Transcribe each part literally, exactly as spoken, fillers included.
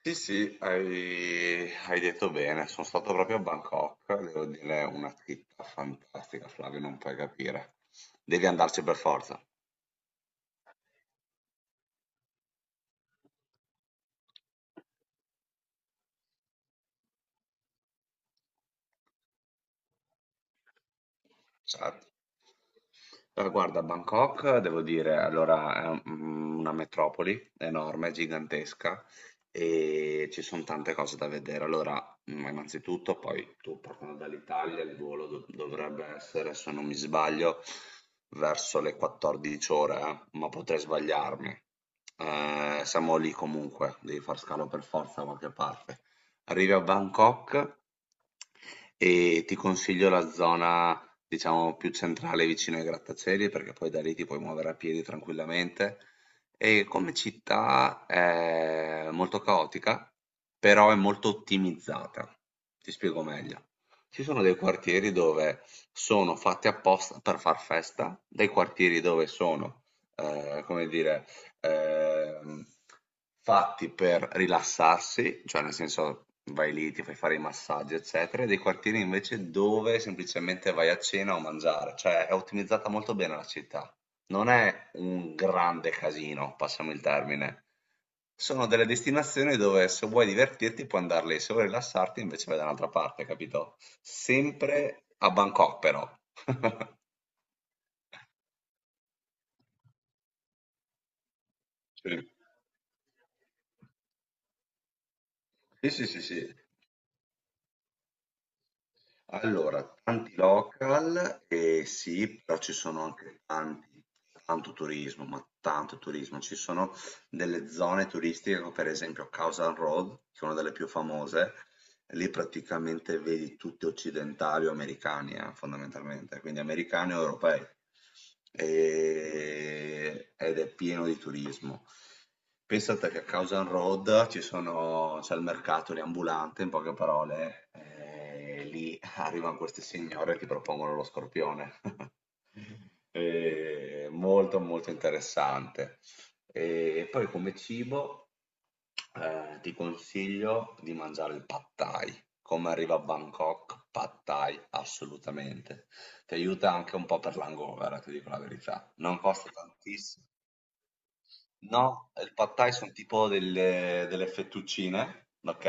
Sì, sì, hai, hai detto bene. Sono stato proprio a Bangkok, devo dire, è una città fantastica, Flavio, non puoi capire. Devi andarci per forza. Certo. Allora, guarda, Bangkok, devo dire, allora è un- mm, una metropoli enorme, gigantesca e ci sono tante cose da vedere. Allora, mm, innanzitutto, poi tu partendo dall'Italia, il volo dov- dovrebbe essere, se non mi sbaglio, verso le quattordici ore, eh, ma potrei sbagliarmi. Eh, siamo lì comunque, devi far scalo per forza da qualche parte. Arrivi a Bangkok e ti consiglio la zona diciamo più centrale vicino ai grattacieli perché poi da lì ti puoi muovere a piedi tranquillamente. E come città è molto caotica, però è molto ottimizzata. Ti spiego meglio. Ci sono dei quartieri dove sono fatti apposta per far festa, dei quartieri dove sono, eh, come dire, ehm, fatti per rilassarsi, cioè nel senso vai lì, ti fai fare i massaggi, eccetera, e dei quartieri invece dove semplicemente vai a cena o a mangiare, cioè è ottimizzata molto bene la città. Non è un grande casino, passami il termine. Sono delle destinazioni dove se vuoi divertirti puoi andare lì, se vuoi rilassarti invece vai da un'altra parte, capito? Sempre a Bangkok però. Sì, sì, sì, sì. Allora, tanti local, ehm, sì, però ci sono anche tanti tanto turismo, ma tanto turismo. Ci sono delle zone turistiche come per esempio Cowsand Road, che è una delle più famose, lì praticamente vedi tutti occidentali o americani, eh, fondamentalmente, quindi americani o europei. E- ed è pieno di turismo. Pensate che a Cowsand Road ci sono, c'è il mercato lì ambulante, in poche parole, eh, lì arrivano queste signore e ti propongono lo scorpione. Eh, molto molto interessante. E poi come cibo eh, ti consiglio di mangiare il pad thai. Come arriva a Bangkok, pad thai, assolutamente. Ti aiuta anche un po' per l'hangover, ti dico la verità. Non costa tantissimo. No, il pad thai sono tipo delle, delle fettuccine, ok?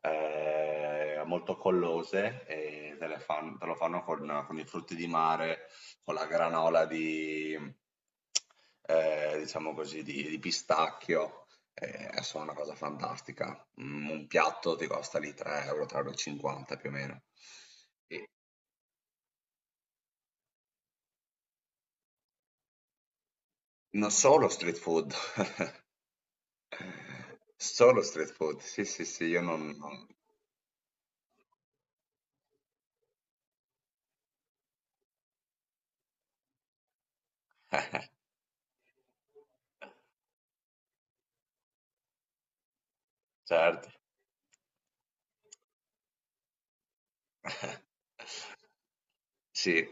Eh, molto collose e te, le fan- te lo fanno con, con i frutti di mare, con la granola di, eh, diciamo così, di, di pistacchio. Eh, è solo una cosa fantastica. Mm, Un piatto ti costa lì tre euro, tre virgola cinquanta più o meno. E non solo street food, solo street food. Sì, sì, sì, io non... non... Certo. Sì,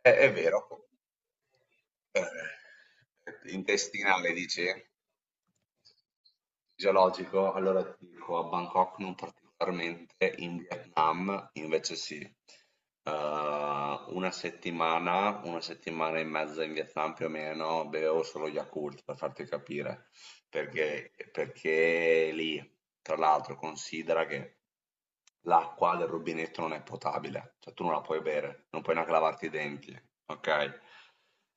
è è vero. Ehm, Intestinale dici? Geologico? Allora ti dico, a Bangkok non particolarmente, in Vietnam invece sì. Eh, una settimana, una settimana e mezza in Vietnam più o meno, bevevo solo Yakult per farti capire, perché, perché lì, tra l'altro, considera che l'acqua del rubinetto non è potabile, cioè tu non la puoi bere, non puoi neanche lavarti i denti, ok?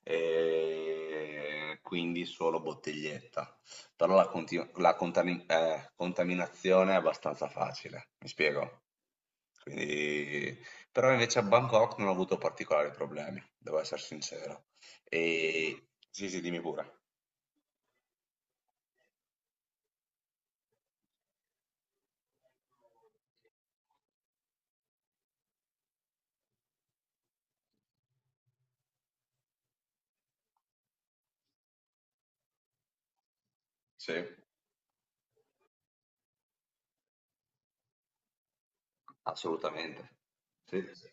E quindi solo bottiglietta. Però la, conti- la contami- eh, contaminazione è abbastanza facile, mi spiego? Quindi... Però invece a Bangkok non ho avuto particolari problemi, devo essere sincero. E... Sì, sì, dimmi pure. Sì, assolutamente. Sì, sì,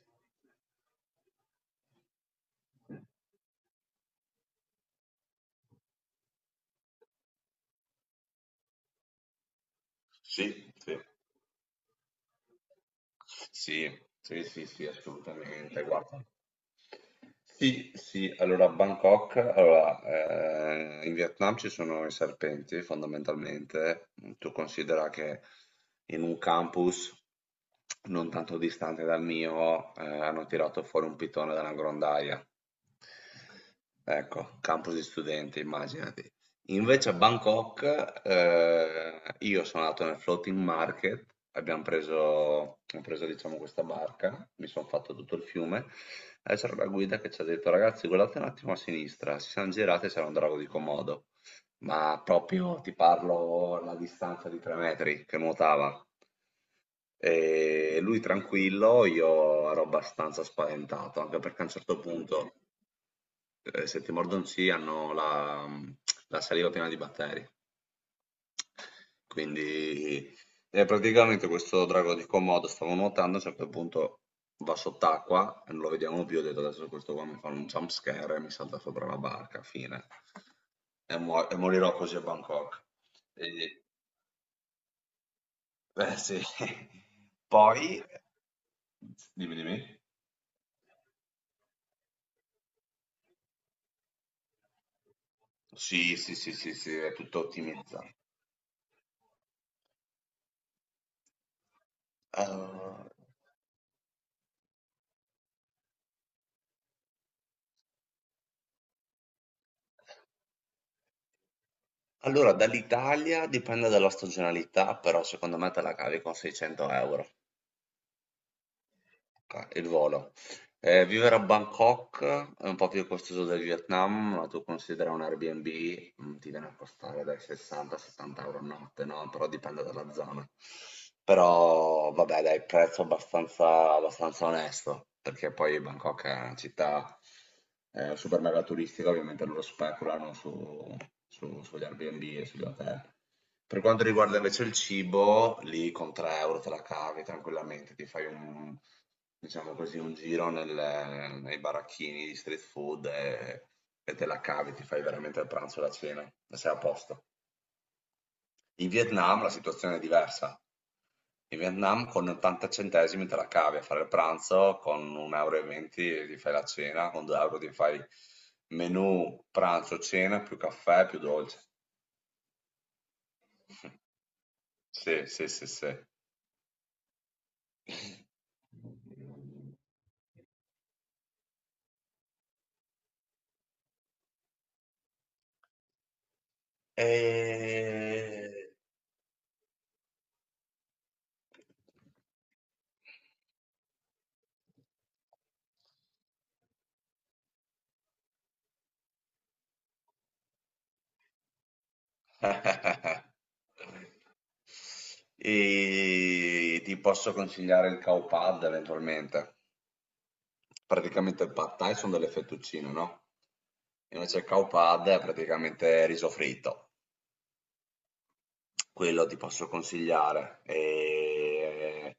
sì. Sì. Sì, sì, sì, sì, assolutamente. Guarda. Sì, sì, allora a Bangkok, allora, eh, in Vietnam ci sono i serpenti fondamentalmente. Tu considera che in un campus non tanto distante dal mio eh, hanno tirato fuori un pitone da una grondaia. Ecco, campus di studenti, immaginati. Invece a Bangkok, ehm, io sono andato nel floating market, abbiamo preso, ho preso diciamo questa barca, mi sono fatto tutto il fiume, e c'era la guida che ci ha detto ragazzi guardate un attimo a sinistra, si sono girati e c'era un drago di Komodo, ma proprio ti parlo alla distanza di tre metri che nuotava. E lui tranquillo, io ero abbastanza spaventato, anche perché a un certo punto Ehm, se ti mordono sì, hanno la mhmm, la saliva piena di batteri. Quindi e praticamente questo drago di Komodo stava nuotando, a un certo punto va sott'acqua, e non lo vediamo più, ho detto: "Adesso questo qua mi fa un jump scare e mi salta sopra la barca, fine". E muo e morirò così a Bangkok. E eh sì. Poi dimmi, dimmi. Sì, sì, sì, sì, sì, è tutto ottimizza ehm Allora, dall'Italia dipende dalla stagionalità, però secondo me te la cavi con seicento euro ca- il volo. Eh, vivere a Bangkok è un po' più costoso del Vietnam, ma tu considera un Airbnb, mm, ti viene a costare dai sessanta settanta euro a notte, no? Però dipende dalla zona. Però vabbè, dai, prezzo abbastanza, abbastanza onesto, perché poi Bangkok è una città eh, super mega turistica, ovviamente loro speculano su, su- sugli Airbnb e sugli hotel. Per quanto riguarda invece il cibo, lì con tre euro te la cavi tranquillamente, ti fai un, diciamo così, un giro nel- nei baracchini di street food e, e te la cavi, ti fai veramente il pranzo e la cena, e sei a posto. In Vietnam la situazione è diversa. In Vietnam con ottanta centesimi te la cavi a fare il pranzo, con un euro e venti e venti ti fai la cena, con due euro ti fai menù, pranzo, cena, più caffè, più dolce. Sì, sì, sì, sì. Ehm, e ti posso consigliare il cow pad eventualmente. Praticamente il pad thai sono delle fettuccine, no? Invece il cow pad è praticamente riso fritto. Quello ti posso consigliare. E...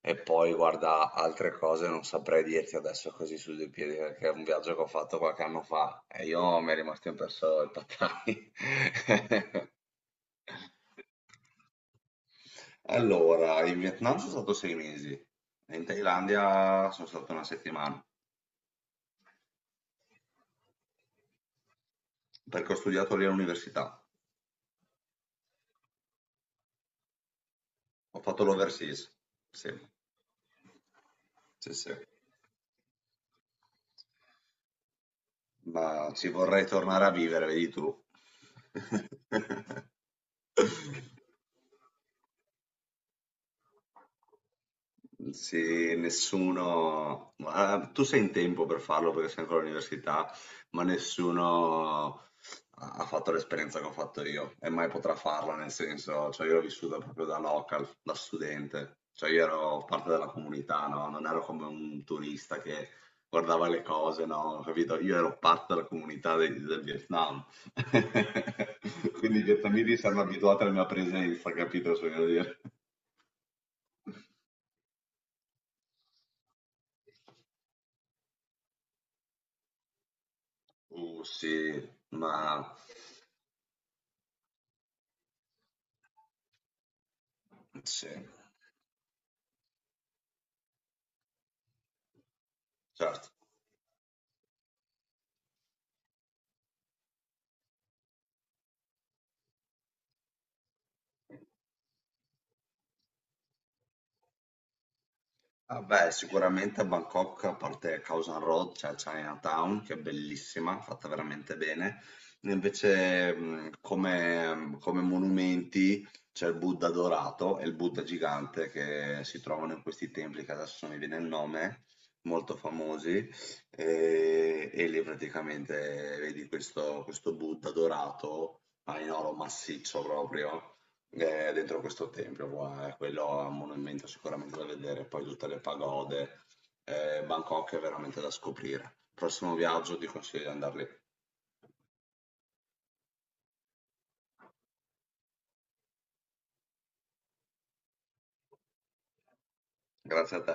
e poi guarda, altre cose non saprei dirti adesso così su due piedi, perché è un viaggio che ho fatto qualche anno fa e io mi è rimasto impresso il Pad Thai. Allora, in Vietnam sono stato sei mesi, in Thailandia sono stato una settimana, perché ho studiato lì all'università. Ho fatto l'overseas. Sì, sì, sì. Ma ci vorrei tornare a vivere, vedi tu. Sì, nessuno, ma tu sei in tempo per farlo perché sei ancora all'università, ma nessuno ha ha fatto l'esperienza che ho fatto io e mai potrà farla, nel senso, cioè io l'ho vissuta proprio da local, da studente, cioè io ero parte della comunità, no? Non ero come un turista che guardava le cose, no? Capito? Io ero parte della comunità dei- del Vietnam, quindi i vietnamiti si erano abituati alla mia presenza, capito cosa voglio dire? Uh, sì, ma sì, certo. Vabbè, sicuramente a Bangkok, a parte Khao San Road, c'è Chinatown, che è bellissima, fatta veramente bene. Invece, mh, come, come monumenti, c'è il Buddha dorato e il Buddha gigante che si trovano in questi templi, che adesso non mi viene il nome, molto famosi. E, e lì praticamente vedi questo, questo Buddha dorato, ma in oro massiccio proprio Ehm, dentro questo tempio, qua, quello è un monumento sicuramente da vedere, poi tutte le pagode. Ehm, Bangkok è veramente da scoprire. Prossimo viaggio ti consiglio di andar lì. Grazie a te.